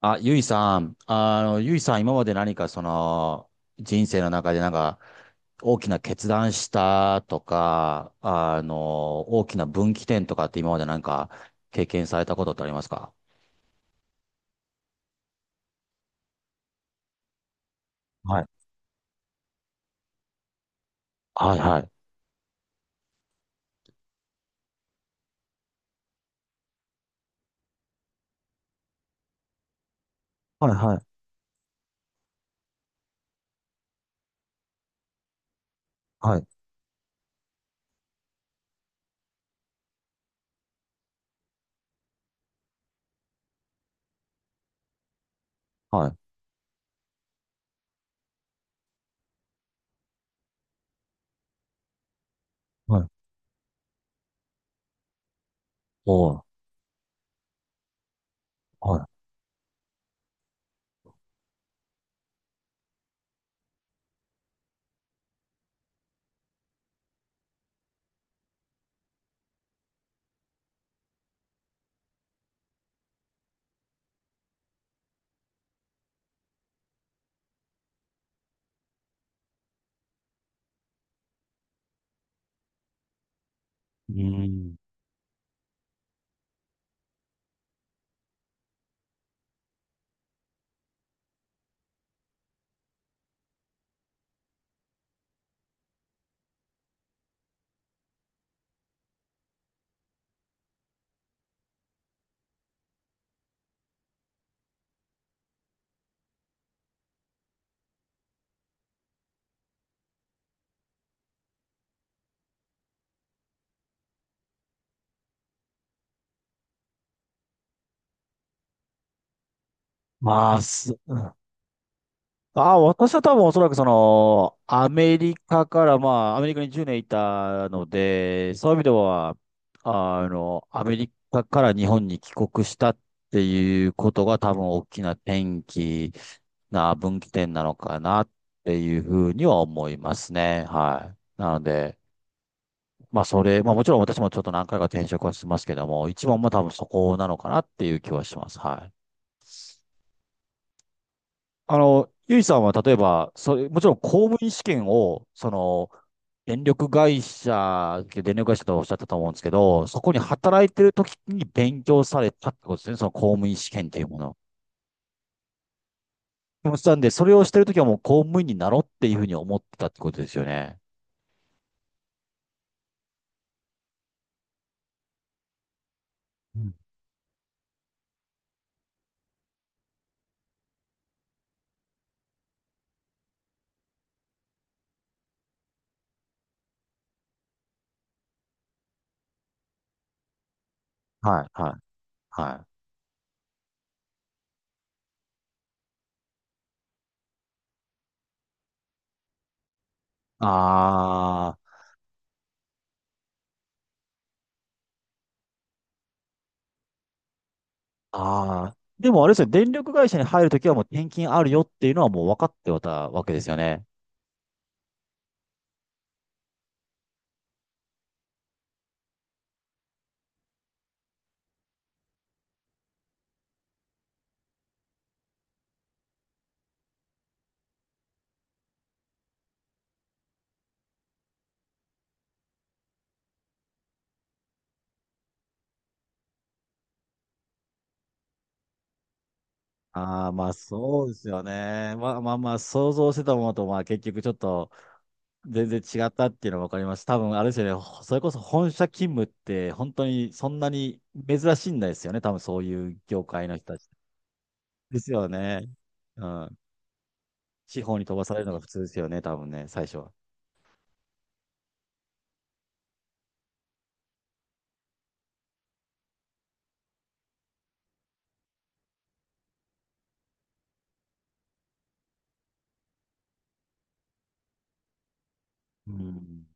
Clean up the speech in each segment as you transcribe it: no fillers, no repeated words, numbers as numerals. ゆいさん、今まで何か人生の中でなんか、大きな決断したとか、大きな分岐点とかって今までなんか、経験されたことってありますか？はい。はいはい。はいはい。はい。はい。はい。おーはい。うーん。まあ、私は多分おそらくアメリカから、まあ、アメリカに10年いたので、そういう意味では、アメリカから日本に帰国したっていうことが多分大きな転機な分岐点なのかなっていうふうには思いますね。はい。なので、まあそれ、まあもちろん私もちょっと何回か転職はしてますけども、一番は多分そこなのかなっていう気はします。はい。ゆいさんは例えば、もちろん公務員試験を、電力会社とおっしゃったと思うんですけど、そこに働いてる時に勉強されたってことですね、その公務員試験っていうもの。でもしたんで、それをしてる時はもう公務員になろうっていうふうに思ってたってことですよね。うん。はい、はい、はい。あー、あー。でもあれですよね、電力会社に入るときはもう転勤あるよっていうのはもう分かってたわけですよね。ああ、まあそうですよね。まあまあまあ、想像してたものと、まあ結局ちょっと全然違ったっていうのが分かります。多分あれですよね、それこそ本社勤務って本当にそんなに珍しいんですよね。多分そういう業界の人たち。ですよね。うん。地方に飛ばされるのが普通ですよね、多分ね、最初は。うん。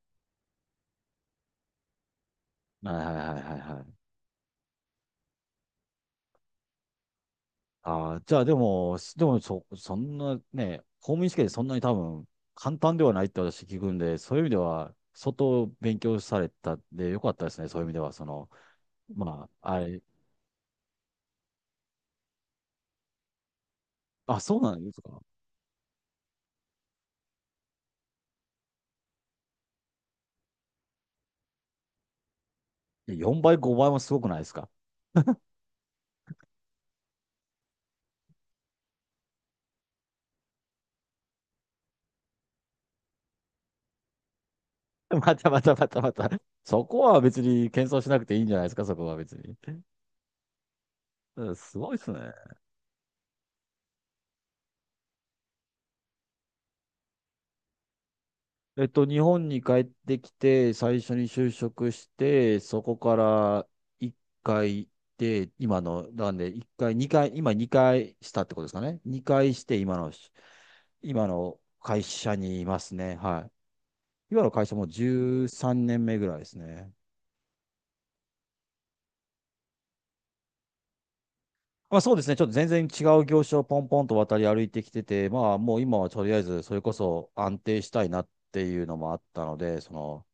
はいはいはいはいはい。ああ、じゃあでも、そんなね、公務員試験でそんなに多分簡単ではないって私聞くんで、そういう意味では、相当勉強されたんでよかったですね。そういう意味では、まあ、あ、そうなんですか。よんばい4倍、5倍もすごくないですか？またまたまたまた。そこは別に謙遜しなくていいんじゃないですか、そこは別に。うん、すごいですね。日本に帰ってきて、最初に就職して、そこから1回で、今の、なんで、1回、2回、今2回したってことですかね。2回して、今の会社にいますね。はい。今の会社も13年目ぐらいですね。まあそうですね。ちょっと全然違う業種をポンポンと渡り歩いてきてて、まあもう今はとりあえずそれこそ安定したいなっていうのもあったので、その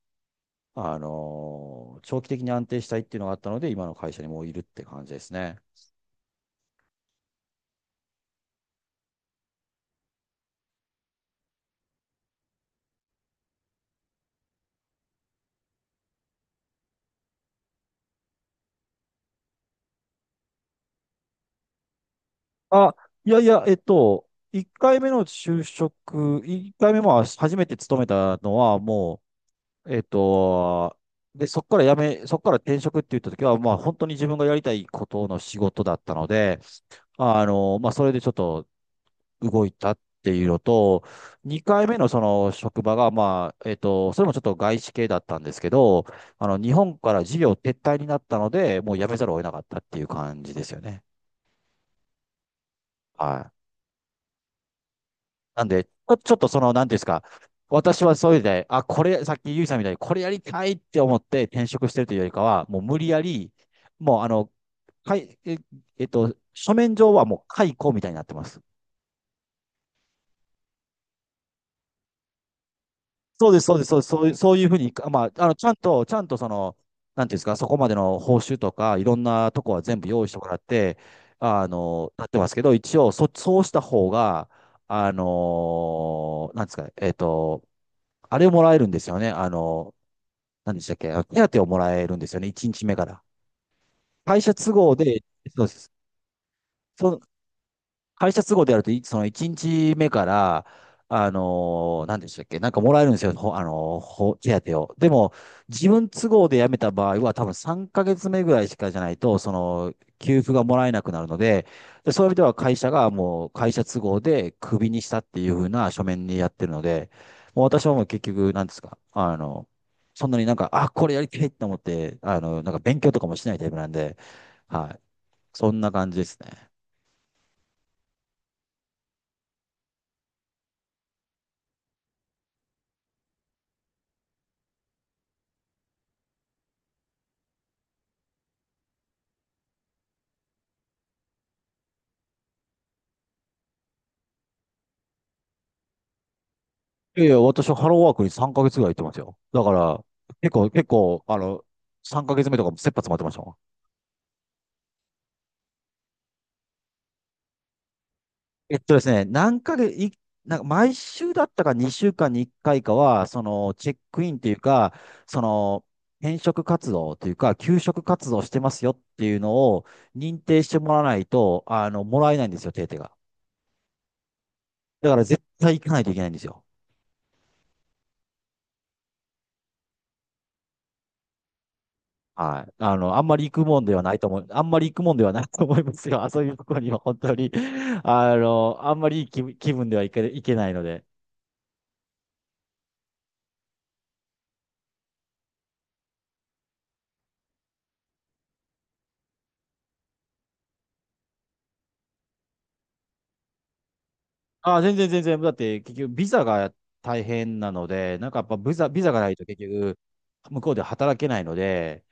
あのー長期的に安定したいっていうのがあったので、今の会社にもういるって感じですね。あ、いやいや、1回目の就職、1回目も初めて勤めたのは、もう、で、そこから転職って言った時は、まあ本当に自分がやりたいことの仕事だったので、まあそれでちょっと動いたっていうのと、2回目のその職場が、まあ、それもちょっと外資系だったんですけど、日本から事業撤退になったので、もう辞めざるを得なかったっていう感じですよね。はい。なんで、ちょっとなんていうんですか、私はそういうで、あ、これ、さっきゆいさんみたいに、これやりたいって思って転職してるというよりかは、もう無理やり、もうあの、かい、え、えっと、書面上はもう解雇みたいになってます。そうです、そうです、そうです、そういうふうに、まあ、ちゃんとなんていうんですか、そこまでの報酬とか、いろんなとこは全部用意してもらって、なってますけど、一応、そうした方が、あの、なんですか、えっと、あれをもらえるんですよね。何でしたっけ、あの手当をもらえるんですよね、1日目から。会社都合で、そうです。そ、会社都合でやると、その1日目から、何でしたっけ、なんかもらえるんですよ、ほあのー、ほ手当を。でも、自分都合で辞めた場合は、多分3ヶ月目ぐらいしかじゃないと、給付がもらえなくなるので、で、そういう意味では会社がもう会社都合でクビにしたっていうふうな書面にやってるので、もう私はもう結局、なんですか、そんなになんか、あ、これやりたいと思って、なんか勉強とかもしないタイプなんで、はい。そんな感じですね。いやいや、私はハローワークに3ヶ月ぐらい行ってますよ。だから、結構、3ヶ月目とかも切羽詰まってましたもん。えっとですね、何ヶ月、い、なんか毎週だったか2週間に1回かいかは、チェックインというか、その、転職活動というか、求職活動してますよっていうのを認定してもらわないと、もらえないんですよ、手当が。だから絶対行かないといけないんですよ。はい。あんまり行くもんではないと思う、あんまり行くもんではないと思いますよ。あそういうところには本当に。あんまりいい気分ではいけないので。あ、全然全然。だって、結局、ビザが大変なので、なんかやっぱビザがないと結局、向こうで働けないので、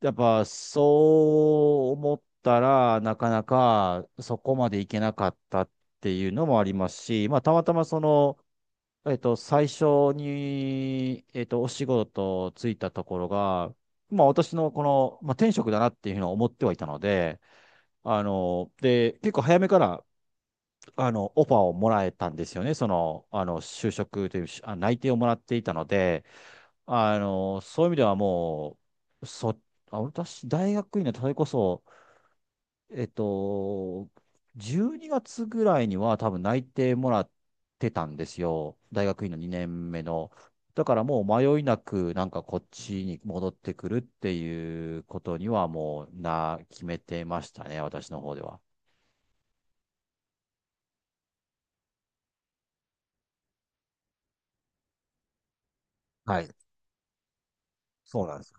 やっぱそう思ったら、なかなかそこまで行けなかったっていうのもありますし、まあ、たまたま最初に、お仕事ついたところが、まあ私のこの、まあ、転職だなっていうのは思ってはいたので、で、結構早めから、オファーをもらえたんですよね。就職という、あ、内定をもらっていたので、そういう意味ではもう、私、大学院の、それこそ、えっと、12月ぐらいには多分内定もらってたんですよ。大学院の2年目の。だからもう迷いなくなんかこっちに戻ってくるっていうことにはもうな、決めてましたね、私の方では。はい。そうなんです。